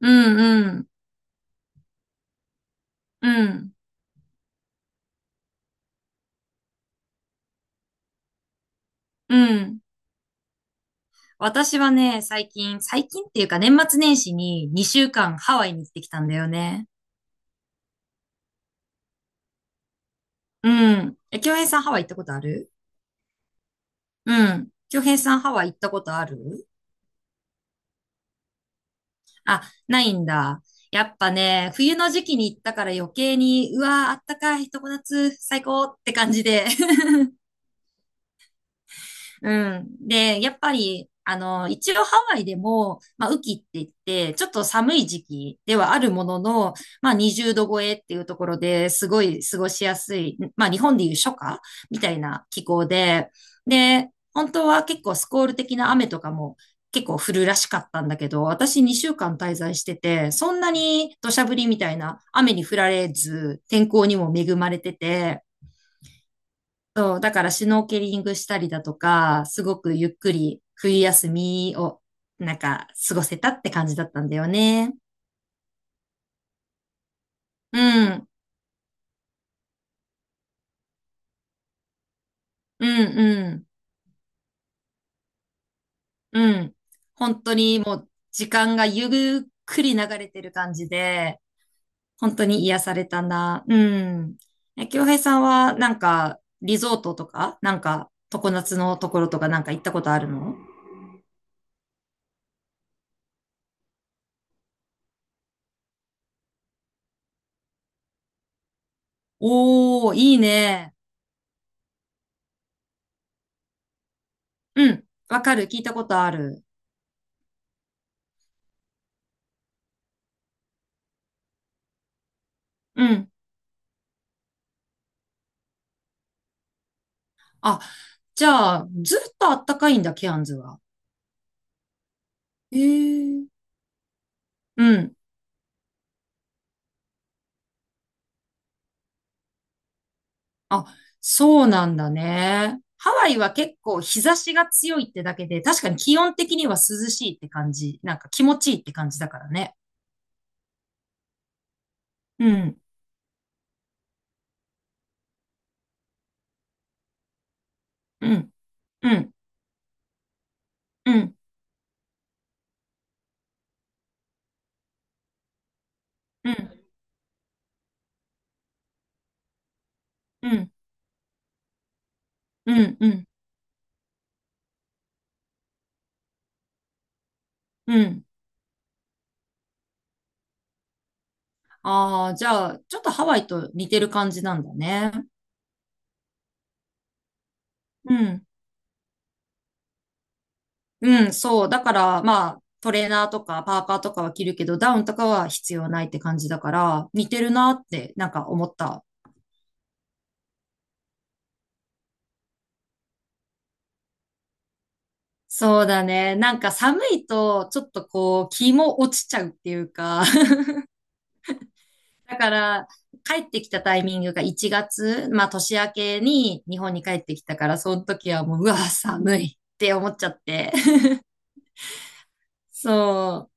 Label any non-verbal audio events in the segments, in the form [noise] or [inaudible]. うんうん。うん。うん。私はね、最近、最近っていうか年末年始に2週間ハワイに行ってきたんだよね。うん。え、京平さんハワイ行ったことある？うん。京平さんハワイ行ったことある？あ、ないんだ。やっぱね、冬の時期に行ったから余計に、うわー、あったかい、常夏、最高って感じで。[laughs] うん。で、やっぱり、一応ハワイでも、まあ、雨季って言って、ちょっと寒い時期ではあるものの、まあ、20度超えっていうところですごい過ごしやすい、まあ、日本でいう初夏みたいな気候で、で、本当は結構スコール的な雨とかも結構降るらしかったんだけど、私2週間滞在してて、そんなに土砂降りみたいな雨に降られず、天候にも恵まれてて、そう、だからシュノーケリングしたりだとか、すごくゆっくり冬休みをなんか過ごせたって感じだったんだよね。うん、うん、うん、うん。本当にもう時間がゆっくり流れてる感じで、本当に癒されたな。うん。え、京平さんはなんかリゾートとか、なんか常夏のところとかなんか行ったことあるの？おー、いいね。うん。わかる。聞いたことある。うん。あ、じゃあ、ずっとあったかいんだ、ケアンズは。ええ。うん。あ、そうなんだね。ハワイは結構日差しが強いってだけで、確かに気温的には涼しいって感じ。なんか気持ちいいって感じだからね。うん、うん、うん、うん、うん、うん、うん、うん、うん。ああ、じゃあ、ちょっとハワイと似てる感じなんだね。うん。うん、そう。だから、まあ、トレーナーとかパーカーとかは着るけど、ダウンとかは必要ないって感じだから、似てるなって、なんか思った。そうだね。なんか寒いと、ちょっとこう、気も落ちちゃうっていうか。[laughs] だから、帰ってきたタイミングが1月、まあ年明けに日本に帰ってきたから、その時はもう、うわ、寒いって思っちゃって。[laughs] そ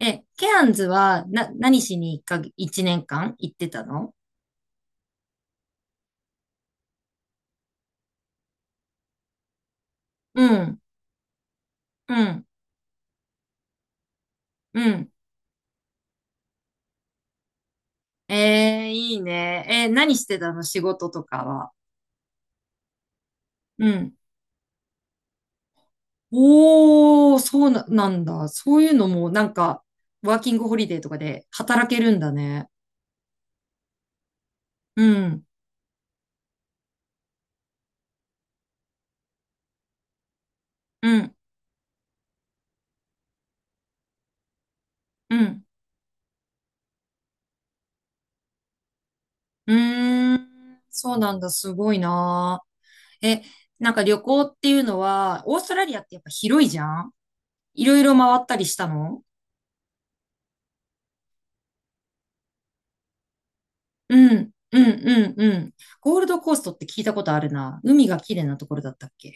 う。え、ケアンズは、何しにいっか、1年間行ってたの？うん、うん、うん。ええ、いいね。何してたの仕事とかは？うん。おー、なんだ。そういうのも、なんか、ワーキングホリデーとかで働けるんだね。うん。うん。うん。うーん、そうなんだ。すごいな。え、なんか旅行っていうのは、オーストラリアってやっぱ広いじゃん？いろいろ回ったりしたの？うん。うん。うん。うん。ゴールドコーストって聞いたことあるな。海が綺麗なところだったっけ？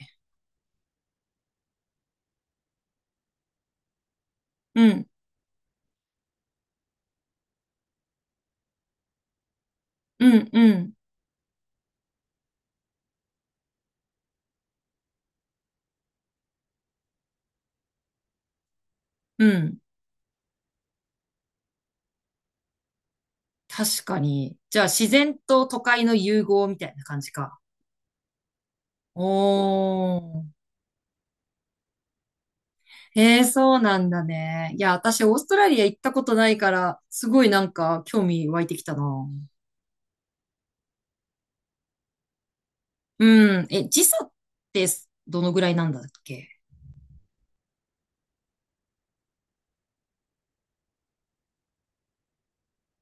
うん。うん。うん。うん。確かに。じゃあ、自然と都会の融合みたいな感じか。おー。ええ、そうなんだね。いや、私、オーストラリア行ったことないから、すごいなんか、興味湧いてきたな。うん。え、時差って、どのぐらいなんだっけ？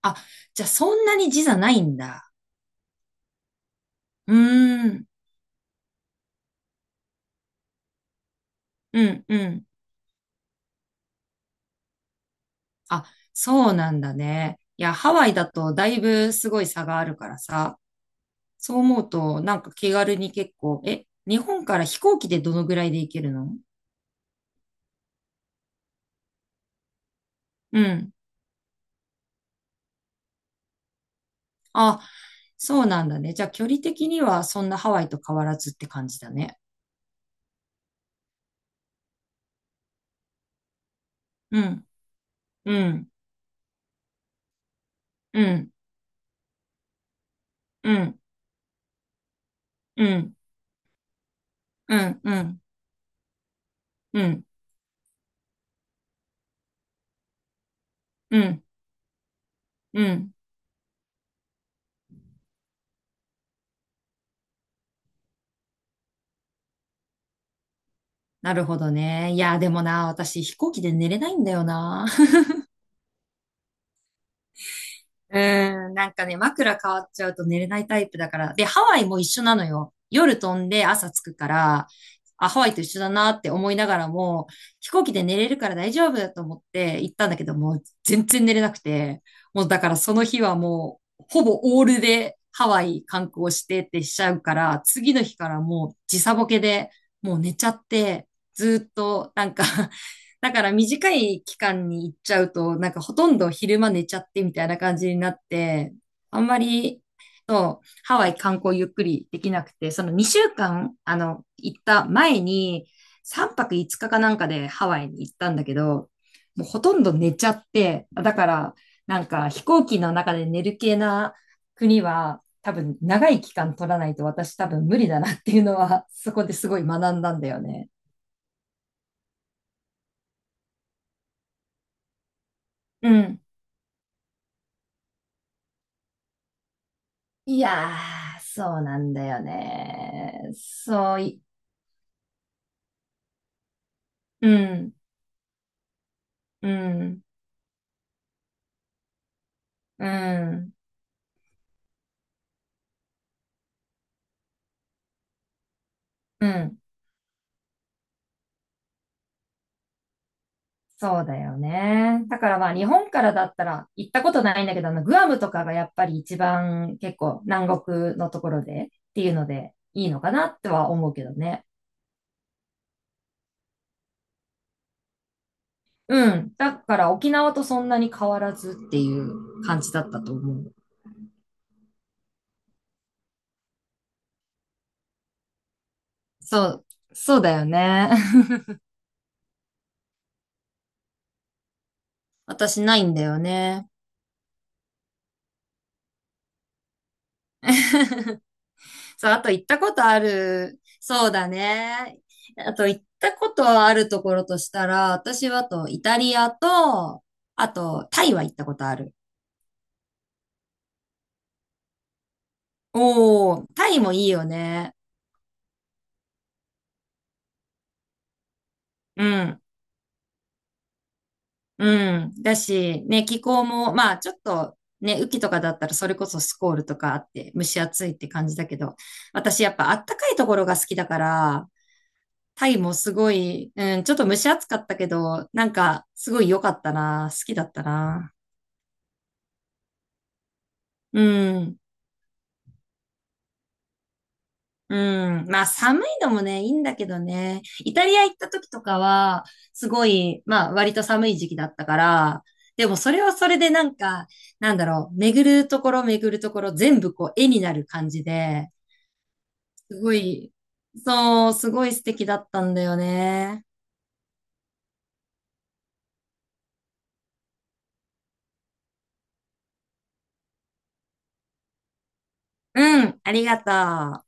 あ、じゃあ、そんなに時差ないんだ。うーん。うん、うん。あ、そうなんだね。いや、ハワイだと、だいぶすごい差があるからさ。そう思うと、なんか気軽に結構、え、日本から飛行機でどのぐらいで行けるの？うん。あ、そうなんだね。じゃあ距離的にはそんなハワイと変わらずって感じだね。うん、うん、うん、うん、うん、うん、うん、うん、うん、うん。なるほどね。いや、でもな、私飛行機で寝れないんだよな。うーん、なんかね、枕変わっちゃうと寝れないタイプだから。で、ハワイも一緒なのよ。夜飛んで朝着くから、あ、ハワイと一緒だなって思いながらも、飛行機で寝れるから大丈夫だと思って行ったんだけど、もう全然寝れなくて、もうだからその日はもう、ほぼオールでハワイ観光してってしちゃうから、次の日からもう時差ボケで、もう寝ちゃって、ずーっとなんか [laughs] だから短い期間に行っちゃうと、なんかほとんど昼間寝ちゃってみたいな感じになって、あんまり、そう、ハワイ観光ゆっくりできなくて、その2週間、行った前に、3泊5日かかなんかでハワイに行ったんだけど、もうほとんど寝ちゃって、だから、なんか飛行機の中で寝る系な国は、多分長い期間取らないと私多分無理だなっていうのは、そこですごい学んだんだよね。うん。いやー、そうなんだよね。そうい、うん、うん、うん、うん。そうだよね。だからまあ日本からだったら行ったことないんだけど、あのグアムとかがやっぱり一番結構南国のところでっていうのでいいのかなっては思うけどね。うん。だから沖縄とそんなに変わらずっていう感じだったと思う。そう、そうだよね。[laughs] 私ないんだよね。そう、あと行ったことある。そうだね。あと行ったことあるところとしたら、私はあとイタリアと、あとタイは行ったことある。おー、タイもいいよね。うん、うん。だし、ね、気候も、まあちょっと、ね、雨季とかだったらそれこそスコールとかあって蒸し暑いって感じだけど、私やっぱあったかいところが好きだから、タイもすごい、うん、ちょっと蒸し暑かったけど、なんかすごい良かったな。好きだったな。うん。うん。まあ、寒いのもね、いいんだけどね。イタリア行った時とかは、すごい、まあ、割と寒い時期だったから、でもそれはそれでなんか、なんだろう、巡るところ巡るところ全部こう絵になる感じで、すごい、そう、すごい素敵だったんだよね。うん、ありがとう。